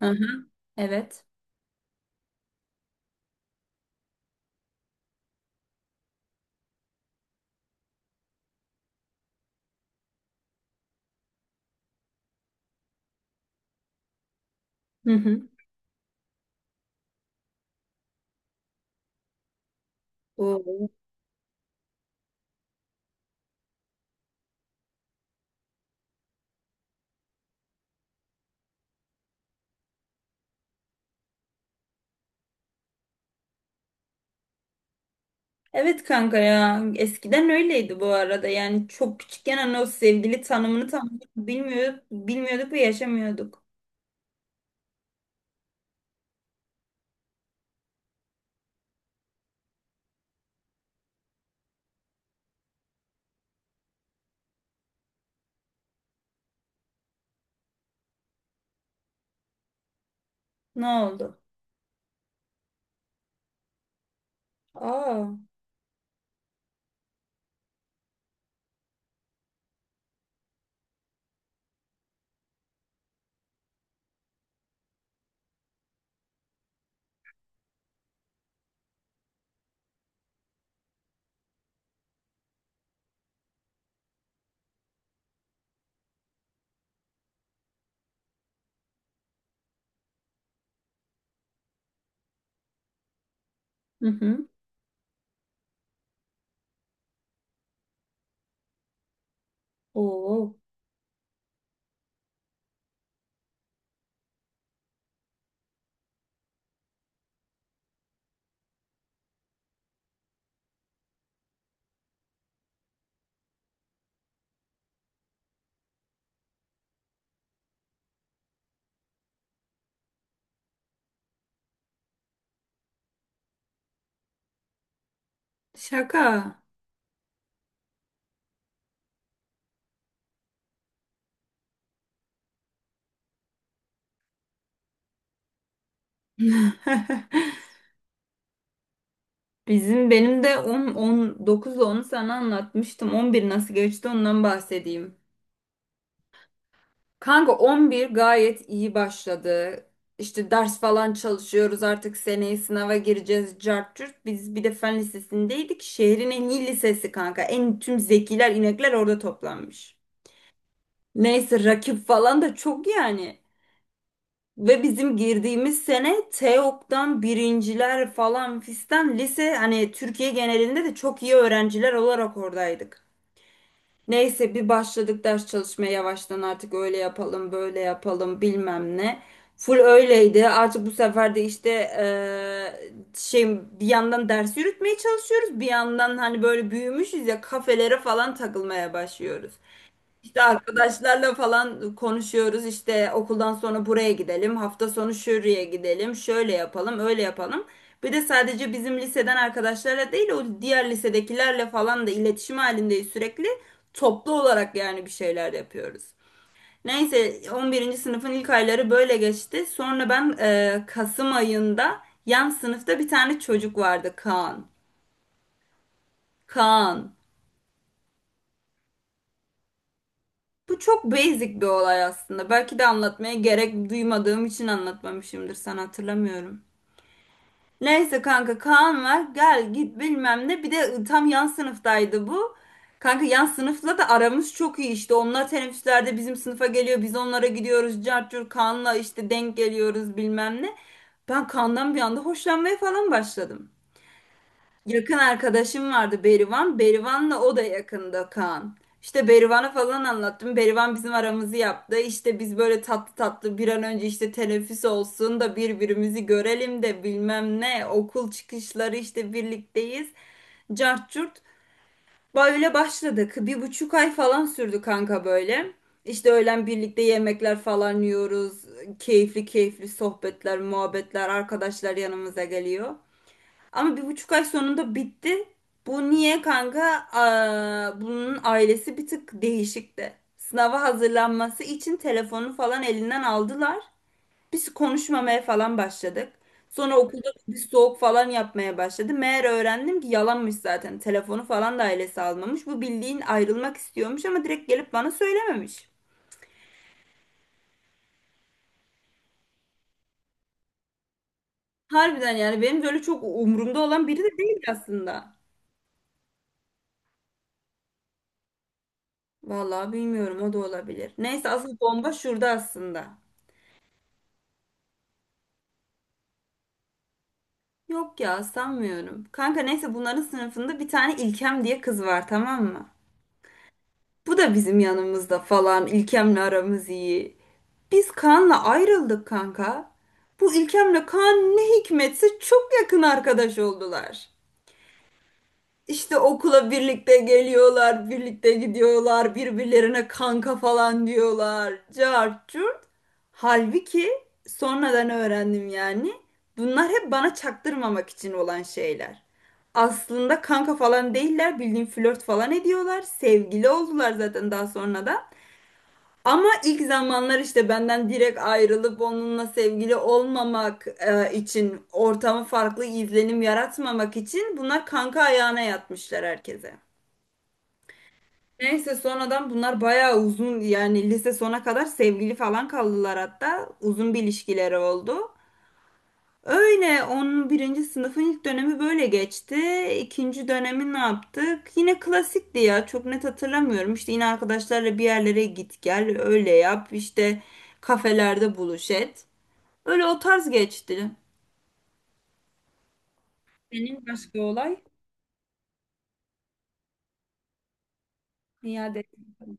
Aha, evet. Hı hı. Oo. Evet kanka ya eskiden öyleydi bu arada yani çok küçükken hani o sevgili tanımını tam bilmiyorduk ve yaşamıyorduk. Ne oldu? Aa. Hı hı. Oo. Şaka. Bizim benim de 10 19 ile onu sana anlatmıştım. On bir nasıl geçti ondan bahsedeyim. Kanka 11 gayet iyi başladı. İşte ders falan çalışıyoruz artık seneye sınava gireceğiz cart curt. Biz bir de fen lisesindeydik. Şehrin en iyi lisesi kanka. En tüm zekiler inekler orada toplanmış. Neyse rakip falan da çok yani. Ve bizim girdiğimiz sene TEOG'dan birinciler falan fistan lise hani Türkiye genelinde de çok iyi öğrenciler olarak oradaydık. Neyse bir başladık ders çalışmaya yavaştan artık öyle yapalım böyle yapalım bilmem ne. Full öyleydi. Artık bu sefer de işte şey bir yandan ders yürütmeye çalışıyoruz. Bir yandan hani böyle büyümüşüz ya kafelere falan takılmaya başlıyoruz. İşte arkadaşlarla falan konuşuyoruz. İşte okuldan sonra buraya gidelim. Hafta sonu şuraya gidelim. Şöyle yapalım, öyle yapalım. Bir de sadece bizim liseden arkadaşlarla değil, o diğer lisedekilerle falan da iletişim halindeyiz sürekli. Toplu olarak yani bir şeyler yapıyoruz. Neyse on birinci sınıfın ilk ayları böyle geçti. Sonra ben Kasım ayında yan sınıfta bir tane çocuk vardı Kaan. Kaan. Bu çok basic bir olay aslında. Belki de anlatmaya gerek duymadığım için anlatmamışımdır. Sen hatırlamıyorum. Neyse kanka Kaan var. Gel git bilmem ne. Bir de tam yan sınıftaydı bu. Kanka yan sınıfla da aramız çok iyi işte. Onlar teneffüslerde bizim sınıfa geliyor. Biz onlara gidiyoruz. Cartcur Kaan'la işte denk geliyoruz bilmem ne. Ben Kaan'dan bir anda hoşlanmaya falan başladım. Yakın arkadaşım vardı Berivan. Berivan'la o da yakında Kaan. İşte Berivan'a falan anlattım. Berivan bizim aramızı yaptı. İşte biz böyle tatlı tatlı bir an önce işte teneffüs olsun da birbirimizi görelim de bilmem ne. Okul çıkışları işte birlikteyiz. Cart curt. Böyle başladık. Bir buçuk ay falan sürdü kanka böyle. İşte öğlen birlikte yemekler falan yiyoruz. Keyifli keyifli sohbetler, muhabbetler, arkadaşlar yanımıza geliyor. Ama bir buçuk ay sonunda bitti. Bu niye kanka? Aa, bunun ailesi bir tık değişikti. Sınava hazırlanması için telefonu falan elinden aldılar. Biz konuşmamaya falan başladık. Sonra okulda bir soğuk falan yapmaya başladı. Meğer öğrendim ki yalanmış zaten. Telefonu falan da ailesi almamış. Bu bildiğin ayrılmak istiyormuş ama direkt gelip bana söylememiş. Harbiden yani benim böyle çok umurumda olan biri de değil aslında. Vallahi bilmiyorum o da olabilir. Neyse asıl bomba şurada aslında. Yok ya sanmıyorum. Kanka neyse bunların sınıfında bir tane İlkem diye kız var tamam mı? Bu da bizim yanımızda falan. İlkem'le aramız iyi. Biz Kaan'la ayrıldık kanka. Bu İlkem'le Kaan ne hikmetse çok yakın arkadaş oldular. İşte okula birlikte geliyorlar, birlikte gidiyorlar, birbirlerine kanka falan diyorlar. Cart curt. Halbuki sonradan öğrendim yani. Bunlar hep bana çaktırmamak için olan şeyler. Aslında kanka falan değiller, bildiğin flört falan ediyorlar. Sevgili oldular zaten daha sonra da. Ama ilk zamanlar işte benden direkt ayrılıp onunla sevgili olmamak için ortamı farklı izlenim yaratmamak için bunlar kanka ayağına yatmışlar herkese. Neyse sonradan bunlar bayağı uzun yani lise sona kadar sevgili falan kaldılar hatta uzun bir ilişkileri oldu. Öyle onun birinci sınıfın ilk dönemi böyle geçti. İkinci dönemi ne yaptık? Yine klasikti ya çok net hatırlamıyorum. İşte yine arkadaşlarla bir yerlere git gel öyle yap işte kafelerde buluş et. Öyle o tarz geçti. Senin başka olay iade etmek.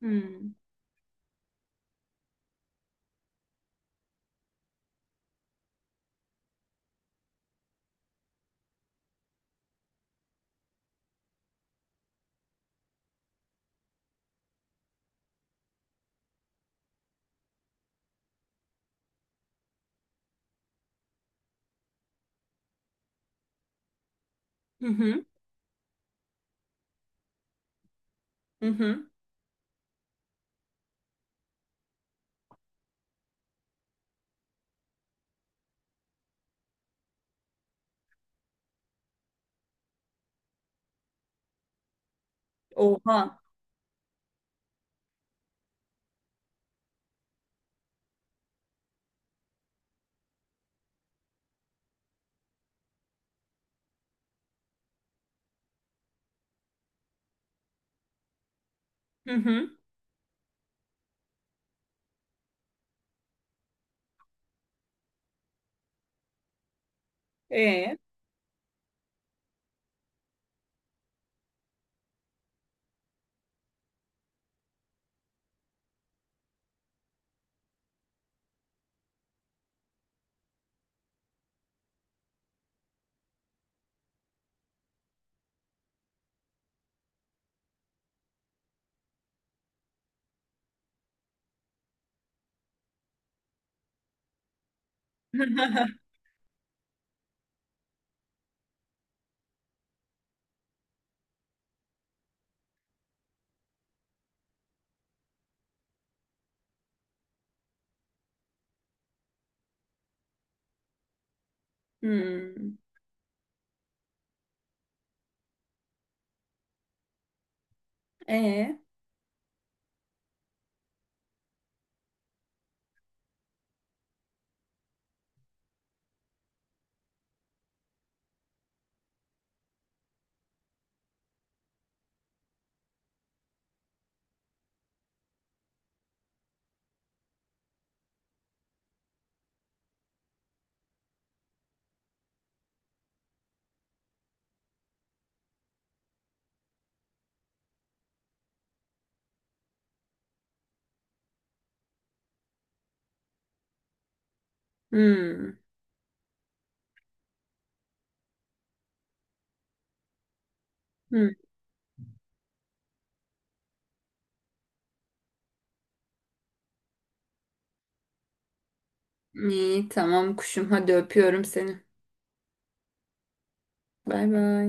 Hmm. Hı hı. Hı hı. Oha. Hı hı. Ee? Hmm. Ee? Hmm. Hmm. İyi tamam kuşum hadi öpüyorum seni. Bay bay.